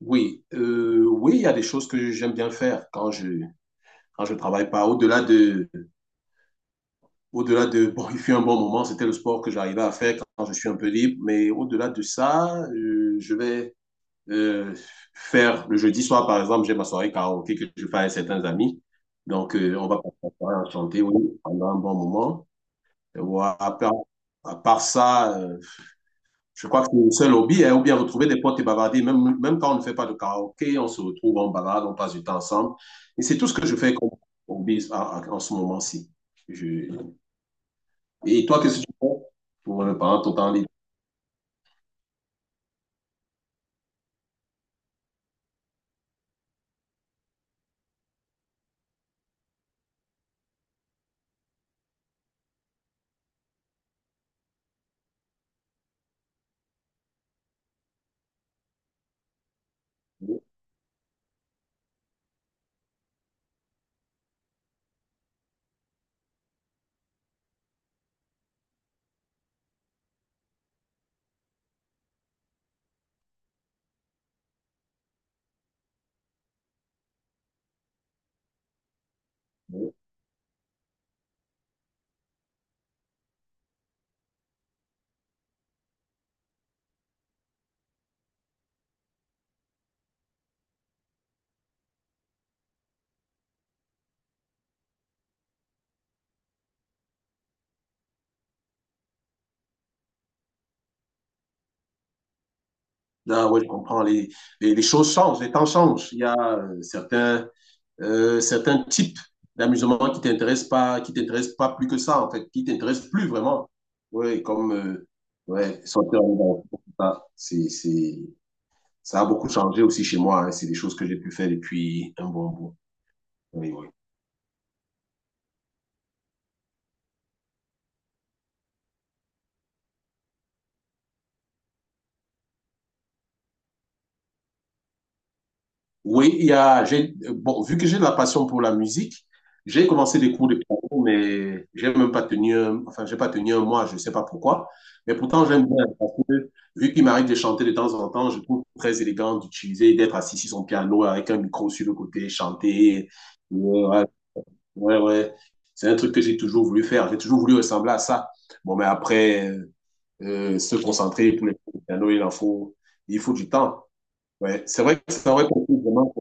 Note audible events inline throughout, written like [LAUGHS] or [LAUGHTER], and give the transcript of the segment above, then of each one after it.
Oui, oui, il y a des choses que j'aime bien faire quand je travaille pas. Au-delà de [LAUGHS] bon, il fut un bon moment, c'était le sport que j'arrivais à faire quand je suis un peu libre. Mais au-delà de ça, je vais euh, faire le jeudi soir, par exemple, j'ai ma soirée karaoké que je fais avec certains amis. Donc, on va passer la soirée à chanter, oui, pendant un bon moment. Et voilà, à part ça, je crois que c'est le seul hobby, hein, ou bien retrouver des potes et bavarder. Même, même quand on ne fait pas de karaoké, on se retrouve, on balade, on passe du temps ensemble. Et c'est tout ce que je fais comme hobby en ce moment-ci. Je- Et toi, qu'est-ce que tu fais pour, pendant ton temps libre? Ah ouais, je comprends. Les choses changent, les temps changent. Il y a certains types d'amusement qui t'intéressent pas plus que ça, en fait, qui t'intéressent plus vraiment. Ouais, comme ouais, sortir en dehors, tout ça, ça a beaucoup changé aussi chez moi, hein. C'est des choses que j'ai pu faire depuis un bon bout. Oui, oui. Oui, il y a, j'ai, bon, vu que j'ai de la passion pour la musique, j'ai commencé des cours de piano, mais j'ai même pas tenu, enfin, j'ai pas tenu un mois, je sais pas pourquoi. Mais pourtant, j'aime bien, parce que vu qu'il m'arrive de chanter de temps en temps, je trouve très élégant d'utiliser, d'être assis sur son piano avec un micro sur le côté, chanter. Ouais, ouais, ouais. C'est un truc que j'ai toujours voulu faire. J'ai toujours voulu ressembler à ça. Bon, mais après, se concentrer pour les cours de piano, il en faut, il faut du temps. Ouais. C'est vrai que c'est un vrai vraiment,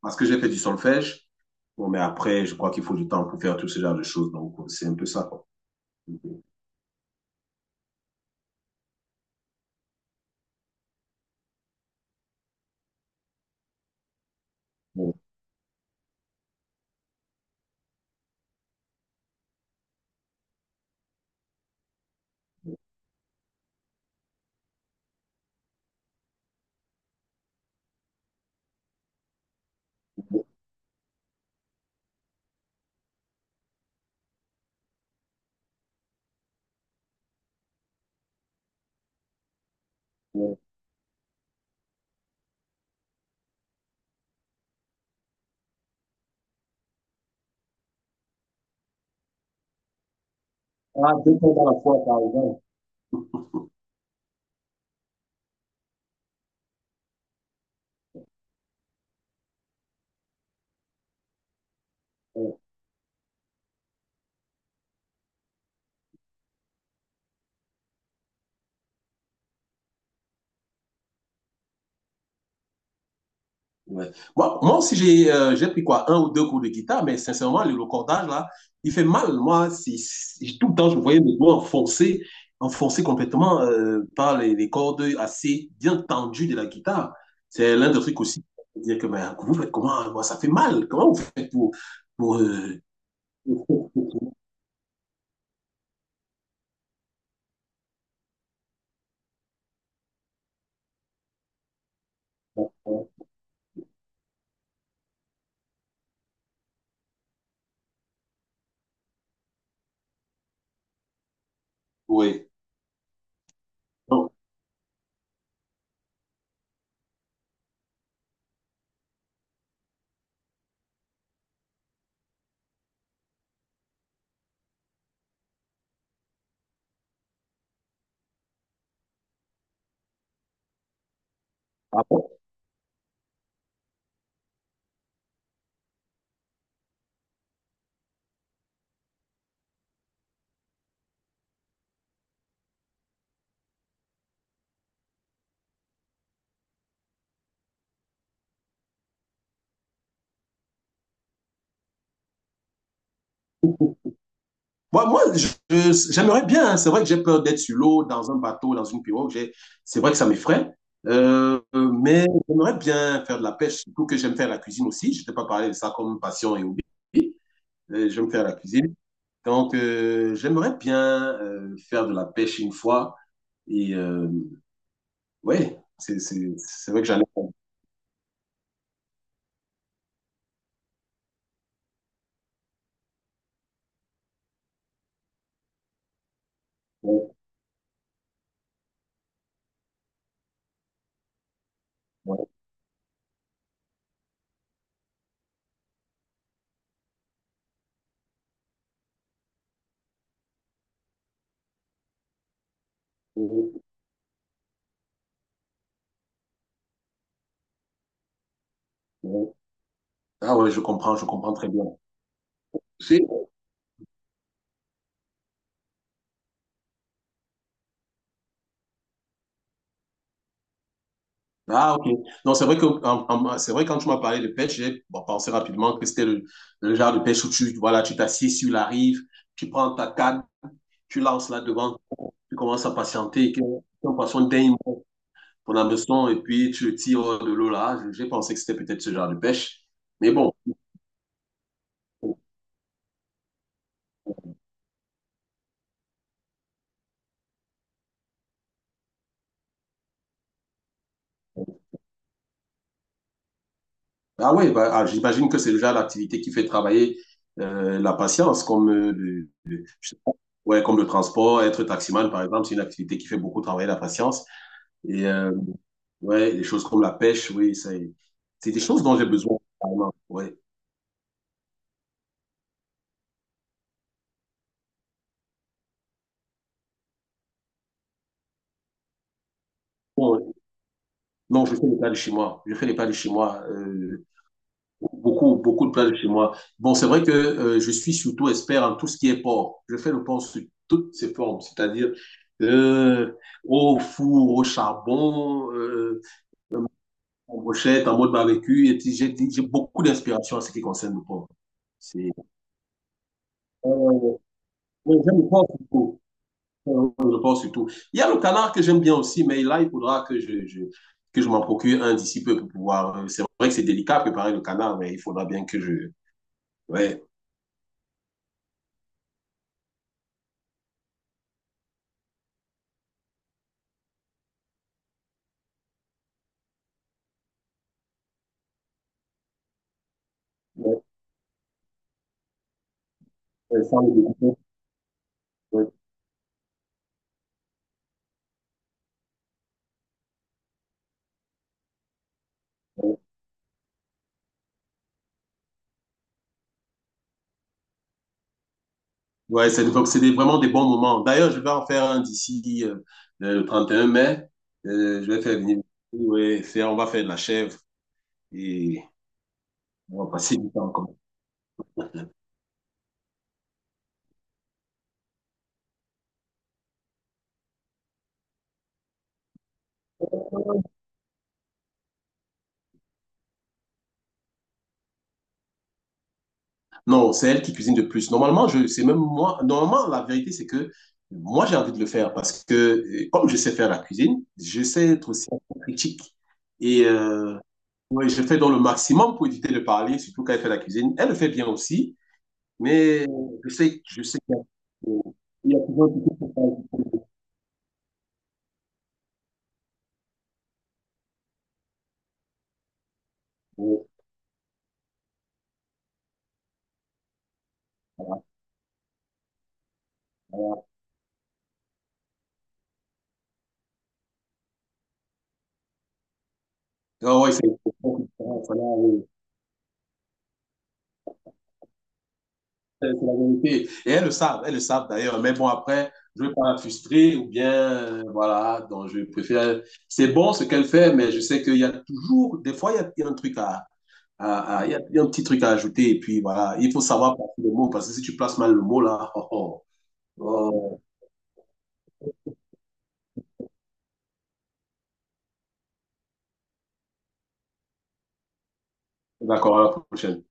parce que j'ai fait du solfège. Bon, mais après, je crois qu'il faut du temps pour faire tout ce genre de choses. Donc, c'est un peu ça, quoi. Bon. Bon. Bon. Ah, deux temps à la fois, par exemple. Ouais. Ouais. Moi aussi, j'ai pris quoi, un ou deux cours de guitare, mais sincèrement, le cordage, là, il fait mal. Moi, si c'est- tout le temps, je voyais mes doigts enfoncés, enfoncés complètement par les cordes assez bien tendues de la guitare. C'est l'un des trucs aussi. Dire que, ben, vous faites comment? Moi, ça fait mal. Comment vous faites pour... [LAUGHS] Oui. Non. Ah bon. Moi j'aimerais bien, hein. C'est vrai que j'ai peur d'être sur l'eau, dans un bateau, dans une pirogue. C'est vrai que ça m'effraie. Mais j'aimerais bien faire de la pêche, surtout que j'aime faire la cuisine aussi. Je t'ai pas parlé de ça comme passion et hobby. J'aime faire la cuisine. Donc, j'aimerais bien faire de la pêche une fois. Et ouais, c'est vrai que j'en ai. Ouais, ouais, ouais, ouais. Ah ouais, je comprends très bien. Ah, ok. Non, c'est vrai que, c'est vrai, quand tu m'as parlé de pêche, j'ai bon, pensé rapidement que c'était le genre de pêche où tu, voilà, tu t'assieds sur la rive, tu prends ta canne, tu lances là devant, tu commences à patienter, que ton poisson daigne ton hameçon, et puis tu le tires hors de l'eau là. J'ai pensé que c'était peut-être ce genre de pêche. Mais bon. Ah ouais, bah, ah, j'imagine que c'est le genre d'activité qui fait travailler la patience, comme, je sais pas, ouais, comme le transport, être taximan, par exemple, c'est une activité qui fait beaucoup travailler la patience. Et, ouais, les choses comme la pêche, oui, ça, c'est des choses dont j'ai besoin, carrément. Ouais. Bon, non, je fais les plats de chez moi. Je fais les plats de chez moi. Beaucoup, beaucoup de plats de chez moi. Bon, c'est vrai que je suis surtout expert en tout ce qui est porc. Je fais le porc sous toutes ses formes, c'est-à-dire euh, au four, au charbon, en brochette, en mode barbecue. Et puis, j'ai beaucoup d'inspiration en ce qui concerne le porc. C'est, euh, ouais, j'aime le porc surtout. Je pense surtout. Il y a le canard que j'aime bien aussi, mais là, il faudra que je que je m'en procure un d'ici peu pour pouvoir, c'est vrai que c'est délicat à préparer le canard, mais il faudra bien que je. Ouais. Ouais, ouais, ouais, ouais. Ouais, c'est donc vraiment des bons moments. D'ailleurs, je vais en faire un d'ici le 31 mai. Je vais faire venir. Ouais, on va faire de la chèvre et on va passer du temps comme. Non, c'est elle qui cuisine de plus. Normalement, je c'est même moi. Normalement, la vérité, c'est que moi, j'ai envie de le faire parce que, comme je sais faire la cuisine, je sais être aussi critique. Et ouais, je fais dans le maximum pour éviter de parler, surtout quand elle fait la cuisine. Elle le fait bien aussi, mais je sais qu'il y a il y a toujours quelque chose à faire. Ah ouais, c'est. C'est la vérité. Et elles le savent d'ailleurs. Mais bon, après, je ne veux pas la frustrer ou bien, voilà, donc je préfère. C'est bon ce qu'elle fait, mais je sais qu'il y a toujours, des fois, il y a un truc à, il y a un petit truc à ajouter. Et puis, voilà, il faut savoir placer le mot, parce que si tu places mal le mot, là, oh, oh, oh. D'accord, à la prochaine.